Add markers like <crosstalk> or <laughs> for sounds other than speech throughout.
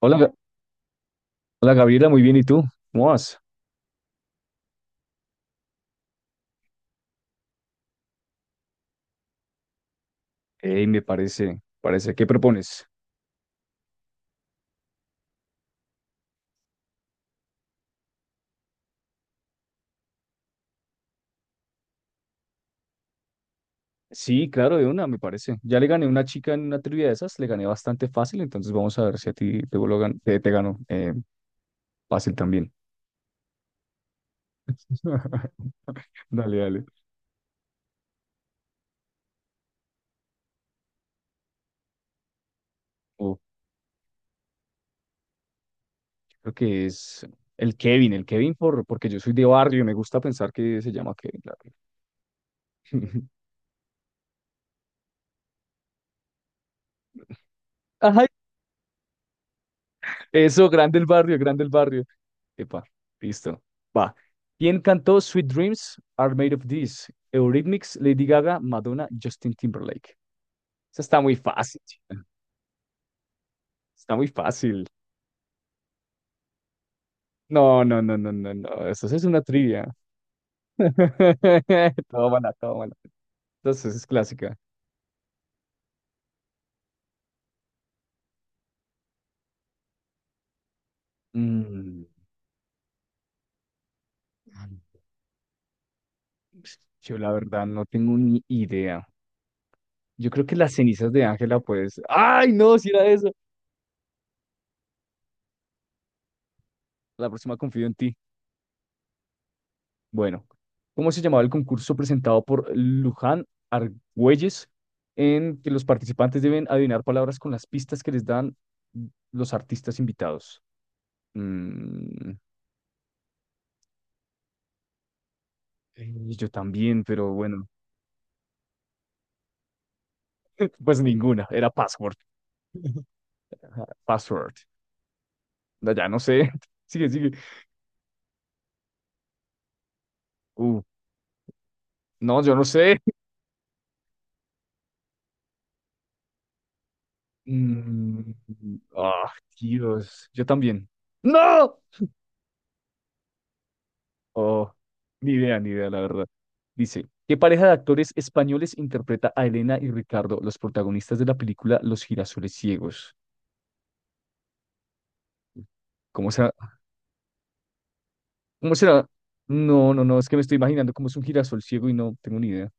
Hola, hola Gabriela, muy bien. ¿Y tú? ¿Cómo vas? Ey, me parece, parece. ¿Qué propones? Sí, claro, de una, me parece. Ya le gané a una chica en una trivia de esas, le gané bastante fácil, entonces vamos a ver si a ti te gano fácil también. <laughs> Dale, dale. Oh, creo que es el Kevin porque yo soy de barrio y me gusta pensar que se llama Kevin, claro. <laughs> Ajá, eso, grande el barrio, grande el barrio. Epa, listo. Va. ¿Quién cantó Sweet Dreams Are Made of This? Eurythmics, Lady Gaga, Madonna, Justin Timberlake. Esa está muy fácil, chica. Está muy fácil. No, no, no, no, no, no. Eso sí es una trivia. <laughs> Tómala, tómala. Entonces es clásica. Mm, yo la verdad no tengo ni idea. Yo creo que las cenizas de Ángela, pues. ¡Ay, no! Si era eso. La próxima confío en ti. Bueno, ¿cómo se llamaba el concurso presentado por Luján Argüelles en que los participantes deben adivinar palabras con las pistas que les dan los artistas invitados? Mm, y yo también, pero bueno, <laughs> pues ninguna, era password. Ajá, password. No, ya no sé. <laughs> Sigue, sigue. Uh, no, yo no sé. Mm, ah, Dios. Yo también. ¡No! Oh, ni idea, ni idea, la verdad. Dice, ¿qué pareja de actores españoles interpreta a Elena y Ricardo, los protagonistas de la película Los girasoles ciegos? ¿Cómo será? ¿Cómo será? No, no, no, es que me estoy imaginando cómo es un girasol ciego y no tengo ni idea.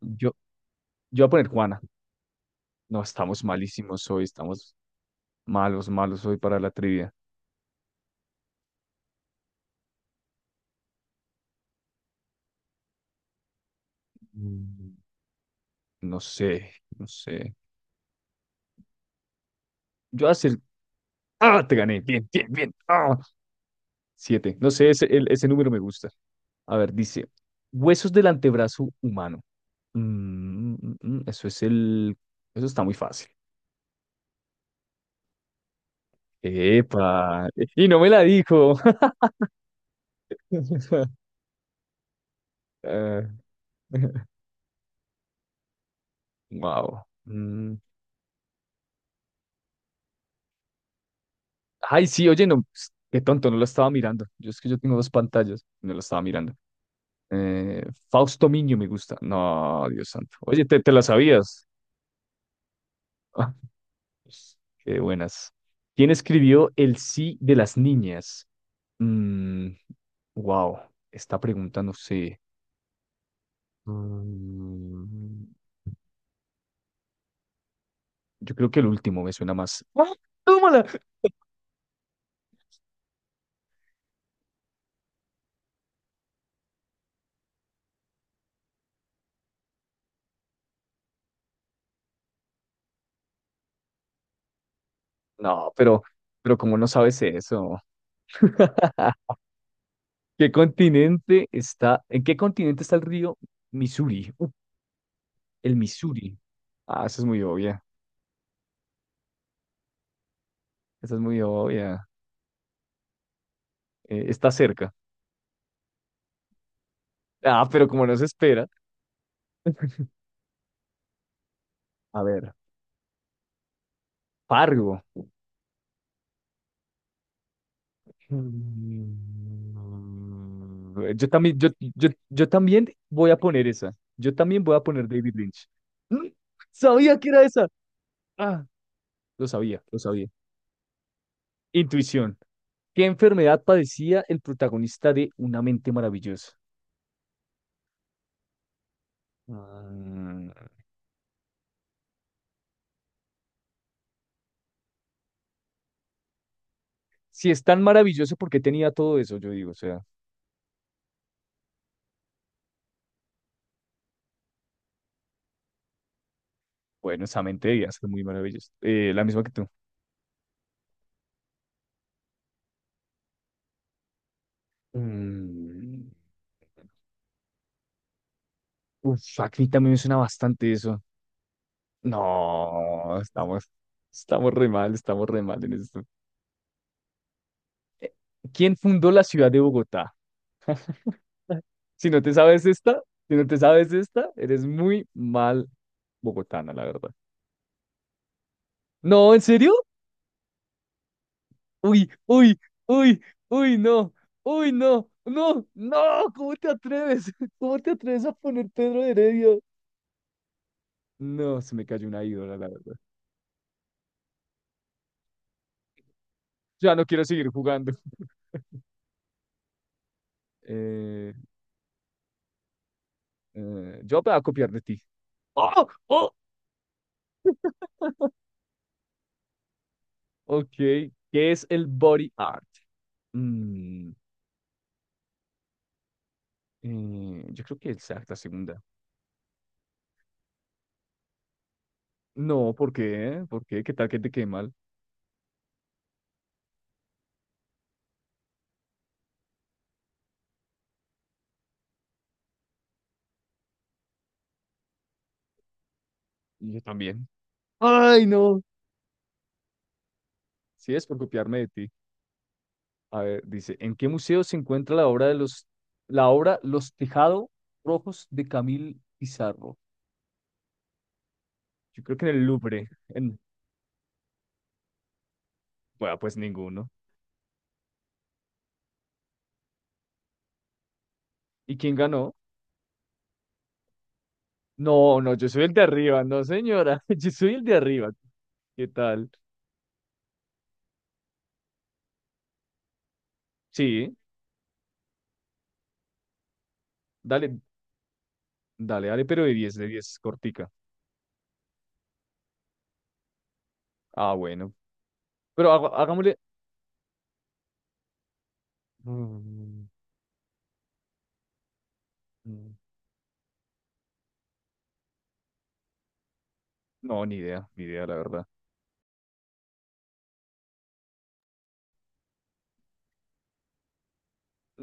Yo, yo voy a poner Juana. No, estamos malísimos hoy, estamos malos, malos hoy para la trivia. Mm, No sé, no sé. Yo voy a hacer... ¡Ah! Te gané. Bien, bien, bien. ¡Ah! Siete. No sé, ese, ese número me gusta. A ver, dice, huesos del antebrazo humano. Mm, eso es el... Eso está muy fácil. Epa, y no me la dijo. <laughs> Ah, wow. Mm. Ay, sí, oye, no, ps, qué tonto, no lo estaba mirando. Yo es que yo tengo dos pantallas, no lo estaba mirando. Eh, Fausto Miño me gusta. No, Dios santo. Oye, te la sabías. Ah, pues, qué buenas. ¿Quién escribió El sí de las niñas? Mm, Wow, esta pregunta no sé. Mm, yo creo que el último me suena más. ¡Ah! ¡Tómala! No, pero ¿cómo no sabes eso? <laughs> ¿Qué continente está? ¿En qué continente está el río Missouri? El Missouri. Ah, esa es muy obvia. Esa es muy obvia. Está cerca. Ah, pero como no se espera. A ver, Fargo. Mm, Yo también, yo también voy a poner esa. Yo también voy a poner David Lynch. ¡Mm! Sabía que era esa. Ah, lo sabía, lo sabía. Intuición. ¿Qué enfermedad padecía el protagonista de Una mente maravillosa? Mm, Si es tan maravilloso, ¿por qué tenía todo eso? Yo digo, o sea, bueno, esa mente debía ser muy maravillosa. La misma que tú. Mm, Uf, a mí también me suena bastante eso. No, estamos re mal, estamos re mal en esto. Eh, ¿Quién fundó la ciudad de Bogotá? <laughs> Si no te sabes esta, si no te sabes esta, eres muy mal bogotana, la verdad. No, ¿en serio? Uy, uy, uy, uy, no, uy, no, no, no, ¿cómo te atreves? <laughs> ¿Cómo te atreves a poner Pedro Heredia? No, se me cayó una ídola, la verdad. Ya no quiero seguir jugando. <laughs> Eh, yo me voy a copiar de ti. Oh, ¡oh! Ok, ¿qué es el body art? Mm, yo creo que es la segunda. No, ¿por qué? ¿Por qué? ¿Qué tal que te quede mal? Y yo también. ¡Ay, no! Sí, es por copiarme de ti. A ver, dice, ¿en qué museo se encuentra la obra Los Tejados Rojos de Camille Pizarro? Yo creo que en el Louvre. Bueno, pues ninguno. ¿Y quién ganó? No, no, yo soy el de arriba, no, señora. <laughs> Yo soy el de arriba. ¿Qué tal? Sí, dale, dale, dale, pero de 10 cortica. Ah, bueno. Pero hagámosle. Mm, mm, no, ni idea, ni idea, la verdad.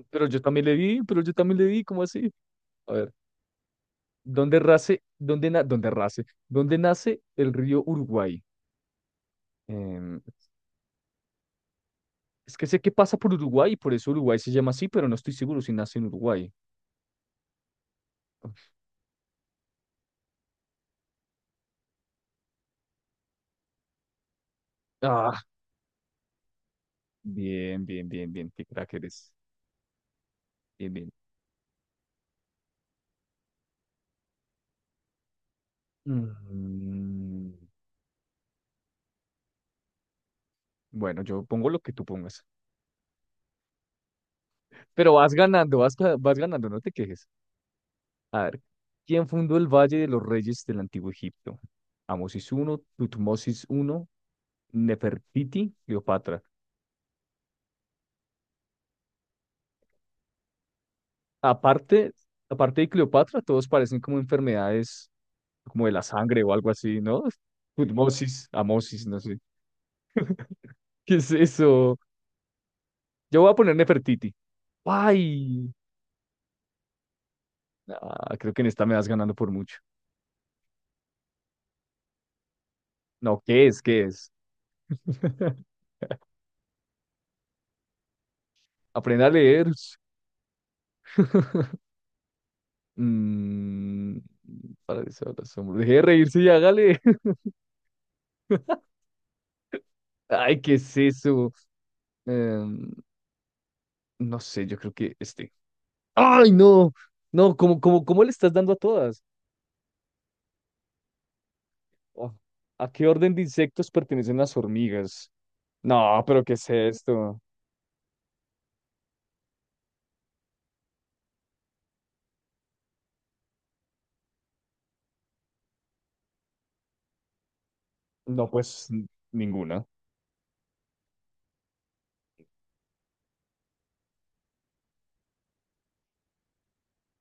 Pero yo también le di, pero yo también le di, ¿cómo así? A ver, ¿dónde nace, dónde na- dónde nace el río Uruguay? Em, es que sé que pasa por Uruguay y por eso Uruguay se llama así, pero no estoy seguro si nace en Uruguay. Ah, bien, bien, bien, bien, qué crack eres. Bien, bien. Mm, bueno, yo pongo lo que tú pongas. Pero vas ganando, no te quejes. A ver, ¿quién fundó el Valle de los Reyes del Antiguo Egipto? Amosis I, Tutmosis I, Nefertiti, Cleopatra. Aparte, aparte de Cleopatra, todos parecen como enfermedades como de la sangre o algo así, ¿no? Tutmosis, Amosis, no sé. ¿Qué es eso? Yo voy a poner Nefertiti. ¡Ay! Ah, creo que en esta me vas ganando por mucho. No, ¿qué es? ¿Qué es? <laughs> Aprenda a leer. Mm, para desahogar el asombro. Deje de reírse y hágale. <laughs> Ay, ¿qué es eso? Em, no sé, yo creo que este. ¡Ay, no! No, ¿cómo, cómo, cómo le estás dando a todas? Oh, ¿a qué orden de insectos pertenecen las hormigas? No, pero ¿qué es esto? No, pues ninguna.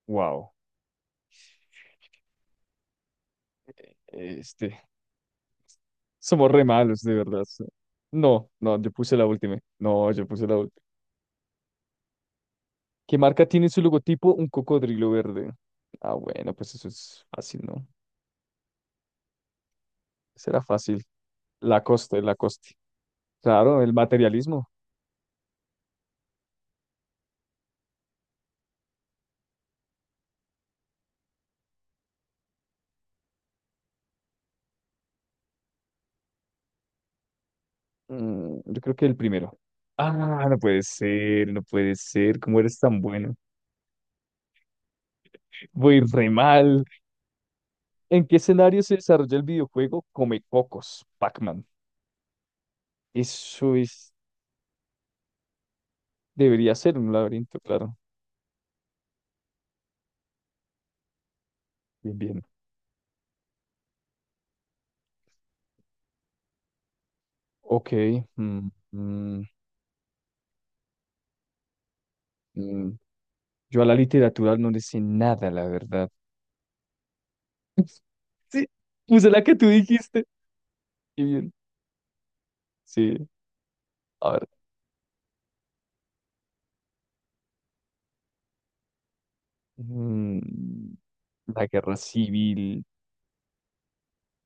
Wow. Este. Somos re malos, de verdad. No, no, yo puse la última. No, yo puse la última. ¿Qué marca tiene en su logotipo? Un cocodrilo verde. Ah, bueno, pues eso es fácil, ¿no? Será fácil. Lacoste, Lacoste. Claro, el materialismo. Yo creo que el primero. Ah, no puede ser, no puede ser. ¿Cómo eres tan bueno? Voy re mal. ¿En qué escenario se desarrolla el videojuego Come Cocos, Pac-Man? Eso es, debería ser un laberinto, claro. Bien, bien. Ok. Mm, mm, mm. Yo a la literatura no le sé nada, la verdad. Sí, puse la que tú dijiste. Qué bien. Sí, a ver. Mm, la guerra civil.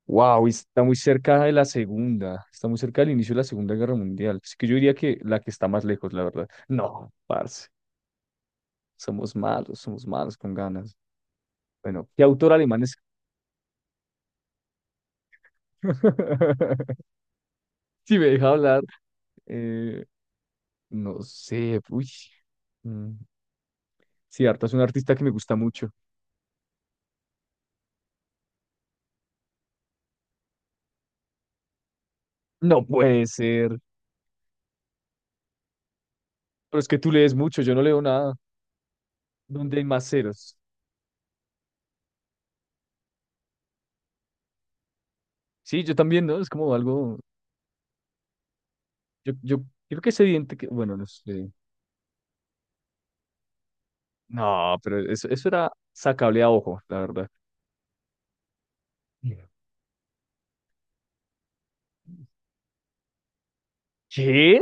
Wow, está muy cerca de la segunda. Está muy cerca del inicio de la Segunda Guerra Mundial. Así que yo diría que la que está más lejos, la verdad. No, parce. Somos malos con ganas. Bueno, ¿qué autor alemán es? <laughs> Si me deja hablar, eh, no sé, uy. Mm, sí, Arta es un artista que me gusta mucho. No puede ser. Pero es que tú lees mucho, yo no leo nada donde hay más ceros. Sí, yo también, ¿no? Es como algo, yo creo que es evidente que, bueno, no sé. No, pero eso era sacable a ojo, la verdad. Yeah. ¿Qué?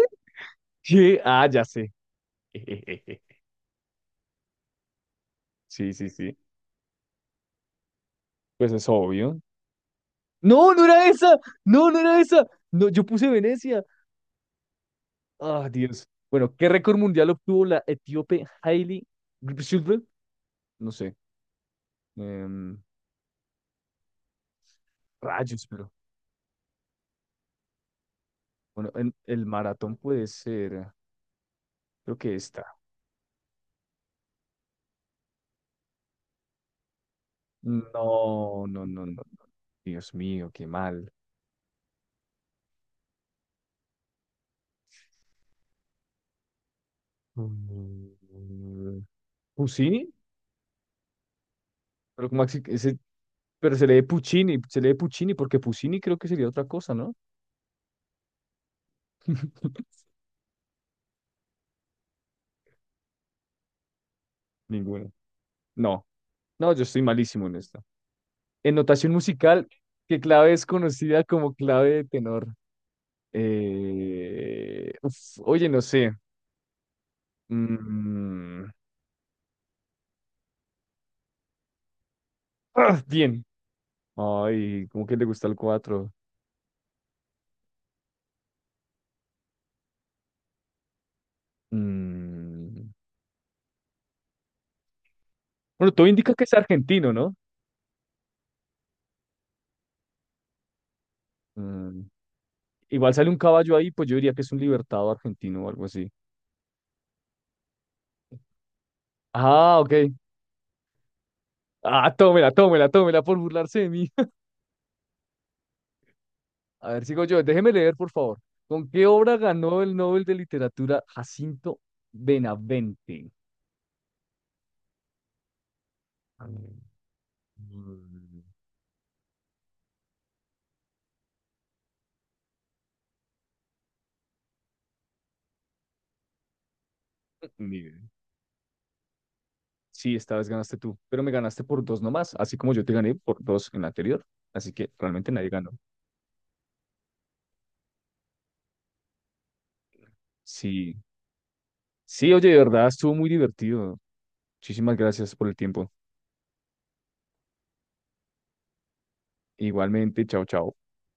¿Qué? Ah, ya sé. <laughs> Sí, sí, sí. Pues es obvio. No, no era esa. No, no era esa. No, yo puse Venecia. Ah, Dios. Bueno, ¿qué récord mundial obtuvo la etíope Hailey Gebrselassie? No sé. Em, Rayos, Bueno, el maratón puede ser, creo que esta. No, no, no, no, no. Dios mío, qué mal. Mm, Puccini, pero Maxi ese- pero se lee Puccini porque Puccini creo que sería otra cosa, ¿no? <laughs> Ninguna. No, no, yo estoy malísimo en esto. En notación musical, ¿qué clave es conocida como clave de tenor? Uf, oye, no sé. Mm, ah, bien, Ay, ¿cómo que le gusta el 4? Bueno, todo indica que es argentino, ¿no? Mm, Igual sale un caballo ahí, pues yo diría que es un libertado argentino o algo así. Ah, ok. Ah, tómela, tómela, tómela por burlarse de mí. <laughs> A ver, sigo yo. Déjeme leer, por favor. ¿Con qué obra ganó el Nobel de Literatura Jacinto Benavente? Mm, <laughs> ni idea. Sí, esta vez ganaste tú, pero me ganaste por dos nomás, así como yo te gané por dos en la anterior. Así que realmente nadie ganó. Sí, sí, oye, de verdad, estuvo muy divertido. Muchísimas gracias por el tiempo. Igualmente, chao, chao.